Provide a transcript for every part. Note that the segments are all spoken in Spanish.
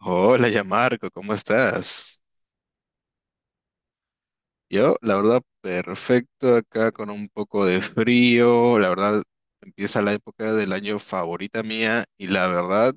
Hola, ya Marco, ¿cómo estás? Yo, la verdad, perfecto acá con un poco de frío. La verdad, empieza la época del año favorita mía y la verdad,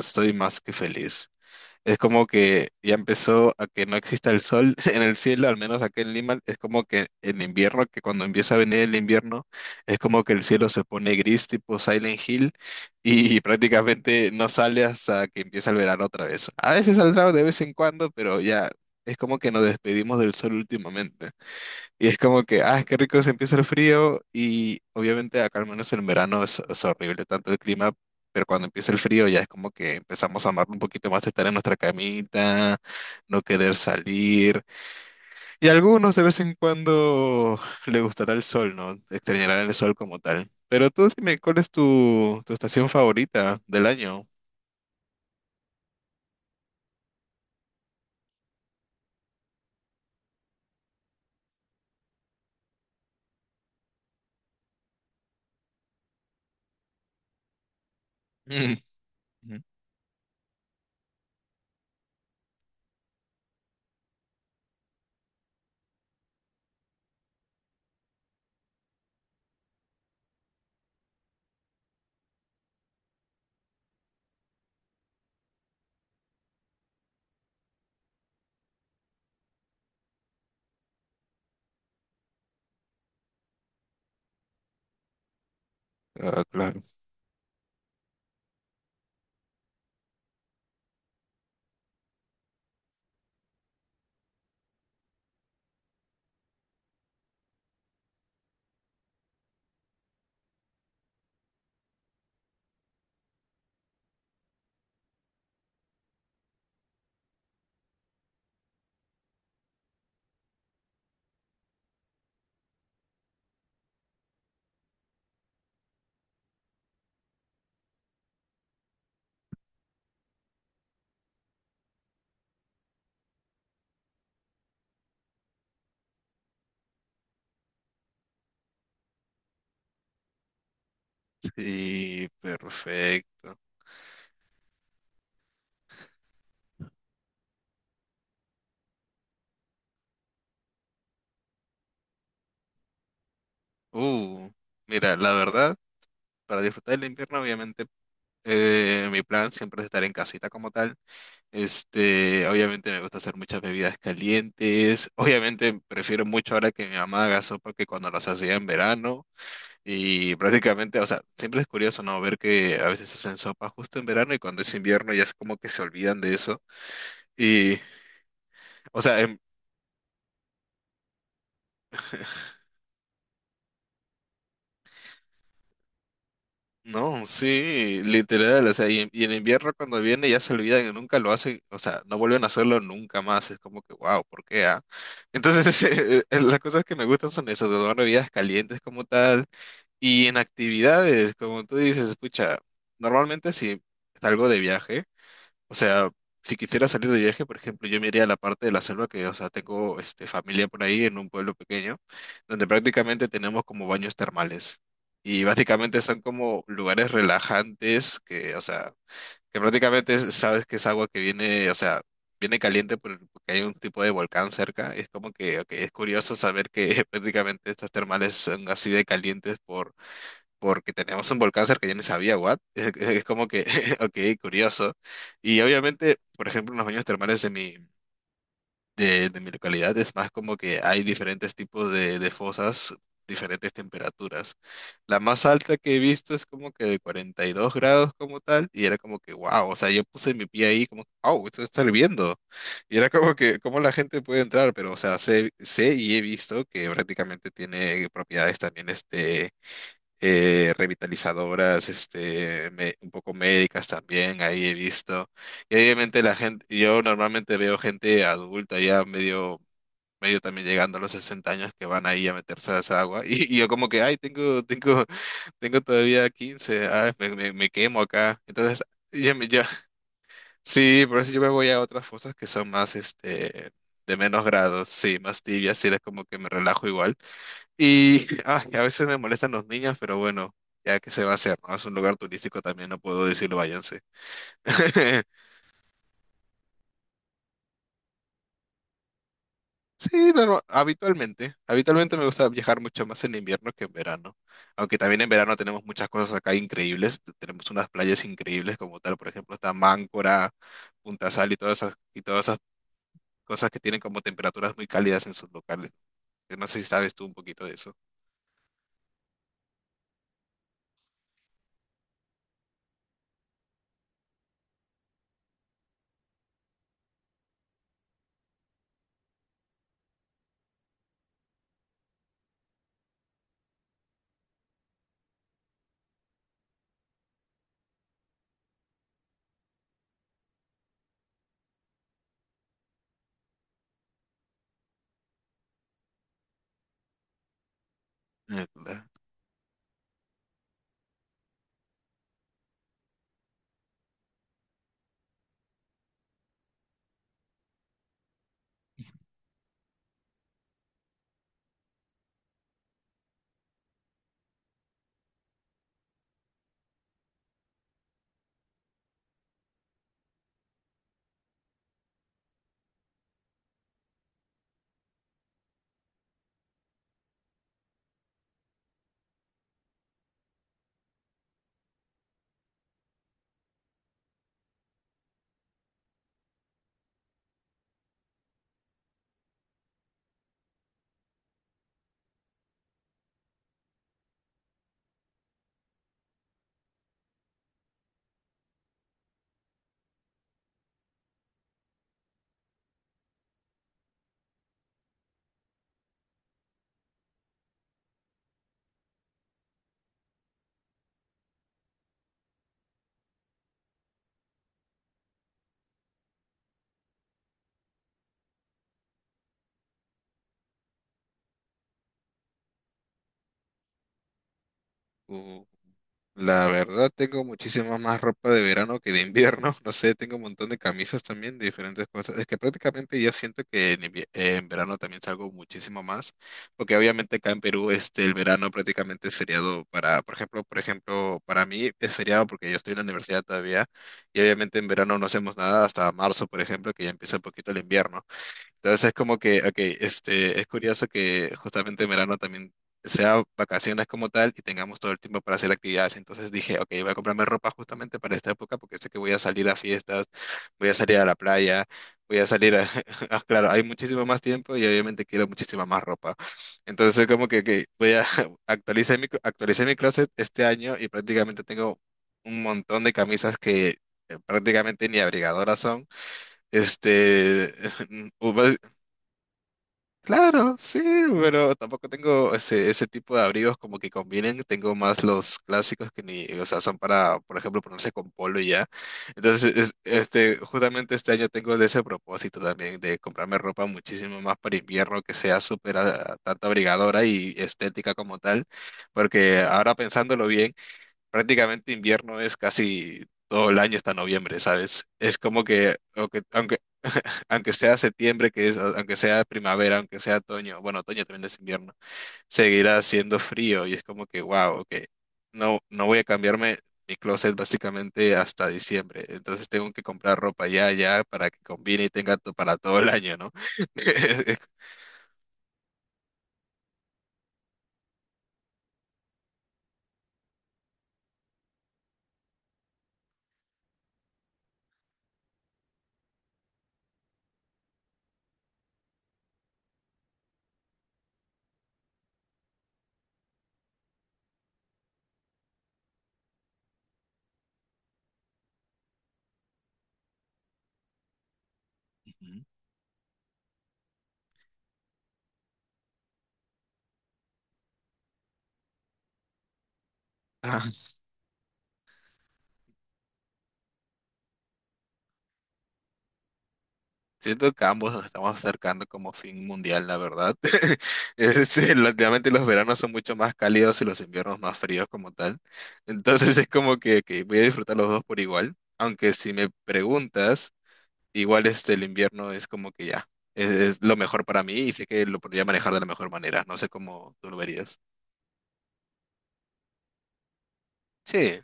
estoy más que feliz. Es como que ya empezó a que no exista el sol en el cielo, al menos aquí en Lima, es como que en invierno, que cuando empieza a venir el invierno, es como que el cielo se pone gris tipo Silent Hill y prácticamente no sale hasta que empieza el verano otra vez. A veces saldrá de vez en cuando, pero ya es como que nos despedimos del sol últimamente. Y es como que, ah, qué rico se empieza el frío y obviamente acá al menos en verano es horrible tanto el clima, pero cuando empieza el frío ya es como que empezamos a amar un poquito más estar en nuestra camita, no querer salir. Y a algunos de vez en cuando le gustará el sol, ¿no? Extrañarán el sol como tal. Pero tú dime, ¿cuál es tu estación favorita del año? Mm. Ujú. Ah, claro. Sí, perfecto. Uh, mira, la verdad, para disfrutar del invierno obviamente mi plan siempre es estar en casita como tal. Este, obviamente me gusta hacer muchas bebidas calientes. Obviamente prefiero mucho ahora que mi mamá haga sopa que cuando las hacía en verano. Y prácticamente, o sea, siempre es curioso, ¿no? Ver que a veces hacen sopa justo en verano y cuando es invierno ya es como que se olvidan de eso. Y, o sea, en- No, sí, literal, o sea, y, en invierno cuando viene ya se olvidan y nunca lo hacen, o sea, no vuelven a hacerlo nunca más, es como que, wow, ¿por qué, ah? Entonces, las cosas que me gustan son esas, las bebidas calientes como tal, y en actividades, como tú dices, escucha, normalmente si salgo de viaje, o sea, si quisiera salir de viaje, por ejemplo, yo me iría a la parte de la selva que, o sea, tengo este, familia por ahí en un pueblo pequeño, donde prácticamente tenemos como baños termales. Y básicamente son como lugares relajantes que, o sea, que prácticamente es- sabes que es agua que viene, o sea, viene caliente porque hay un tipo de volcán cerca. Es como que, ok, es curioso saber que prácticamente estas termales son así de calientes porque tenemos un volcán cerca, yo ni sabía, what? Es, como que, ok, curioso. Y obviamente, por ejemplo, en los baños termales de mi, de mi localidad es más como que hay diferentes tipos de fosas, diferentes temperaturas. La más alta que he visto es como que de 42 grados como tal, y era como que, wow, o sea, yo puse mi pie ahí como, wow, esto está hirviendo. Y era como que, ¿cómo la gente puede entrar? Pero, o sea, sé, sé y he visto que prácticamente tiene propiedades también, este revitalizadoras, este, me- un poco médicas también, ahí he visto. Y obviamente la gente, yo normalmente veo gente adulta ya medio, medio también llegando a los 60 años que van ahí a meterse a esa agua. Y, y yo como que, ay, tengo todavía 15, ay, me quemo acá. Entonces, yo, me- yo- sí, por eso yo me voy a otras fosas que son más, este, de menos grados, sí, más tibias, y es como que me relajo igual. Y ay, a veces me molestan los niños, pero bueno, ya que se va a hacer, ¿no? Es un lugar turístico también, no puedo decirlo, váyanse. Sí, norma- habitualmente. Habitualmente me gusta viajar mucho más en invierno que en verano. Aunque también en verano tenemos muchas cosas acá increíbles. Tenemos unas playas increíbles como tal, por ejemplo, está Máncora, Punta Sal y todas esas, cosas que tienen como temperaturas muy cálidas en sus locales. Yo no sé si sabes tú un poquito de eso. Ah, claro. La verdad, tengo muchísima más ropa de verano que de invierno. No sé, tengo un montón de camisas también de diferentes cosas. Es que prácticamente yo siento que en, invie- en verano también salgo muchísimo más, porque obviamente acá en Perú este, el verano prácticamente es feriado para, por ejemplo, para mí es feriado porque yo estoy en la universidad todavía y obviamente en verano no hacemos nada hasta marzo, por ejemplo, que ya empieza un poquito el invierno. Entonces es como que, ok, este, es curioso que justamente en verano también sea vacaciones como tal y tengamos todo el tiempo para hacer actividades. Entonces dije, ok, voy a comprarme ropa justamente para esta época porque sé que voy a salir a fiestas, voy a salir a la playa, voy a salir a... Ah, claro, hay muchísimo más tiempo y obviamente quiero muchísima más ropa. Entonces es como que voy a actualizar mi, actualicé mi closet este año y prácticamente tengo un montón de camisas que... prácticamente ni abrigadoras son, este, u- Claro, sí, pero tampoco tengo ese, ese tipo de abrigos como que combinen. Tengo más los clásicos que ni, o sea, son para, por ejemplo, ponerse con polo y ya. Entonces, es- este, justamente este año tengo de ese propósito también, de comprarme ropa muchísimo más para invierno, que sea súper, ah, tanto abrigadora y estética como tal. Porque ahora pensándolo bien, prácticamente invierno es casi todo el año hasta noviembre, ¿sabes? Es como que, aunque, aunque sea septiembre, que es, aunque sea primavera, aunque sea otoño, bueno, otoño también es invierno, seguirá haciendo frío y es como que, wow, ok, no, no voy a cambiarme mi closet básicamente hasta diciembre, entonces tengo que comprar ropa ya, ya, para que combine y tenga to- para todo el año, ¿no? Ujú. Siento que ambos nos estamos acercando como fin mundial, la verdad. Es, relativamente los veranos son mucho más cálidos y los inviernos más fríos como tal. Entonces es como que voy a disfrutar los dos por igual. Aunque si me preguntas, igual este, el invierno es como que ya, es lo mejor para mí y sé que lo podría manejar de la mejor manera. No sé cómo tú lo verías. Sí,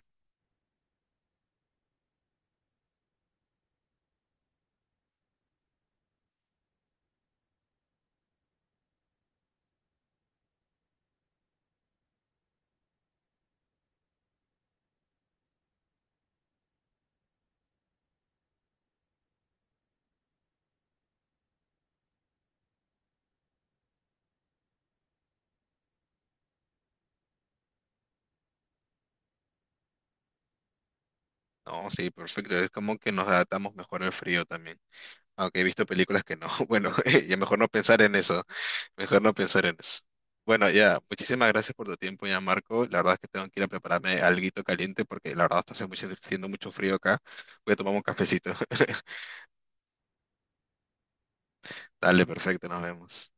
no, sí, perfecto. Es como que nos adaptamos mejor al frío también. Aunque he visto películas que no. Bueno, ya mejor no pensar en eso. Mejor no pensar en eso. Bueno, ya, muchísimas gracias por tu tiempo ya, Marco. La verdad es que tengo que ir a prepararme alguito caliente porque la verdad está haciendo mucho frío acá. Voy a tomar un cafecito. Dale, perfecto, nos vemos.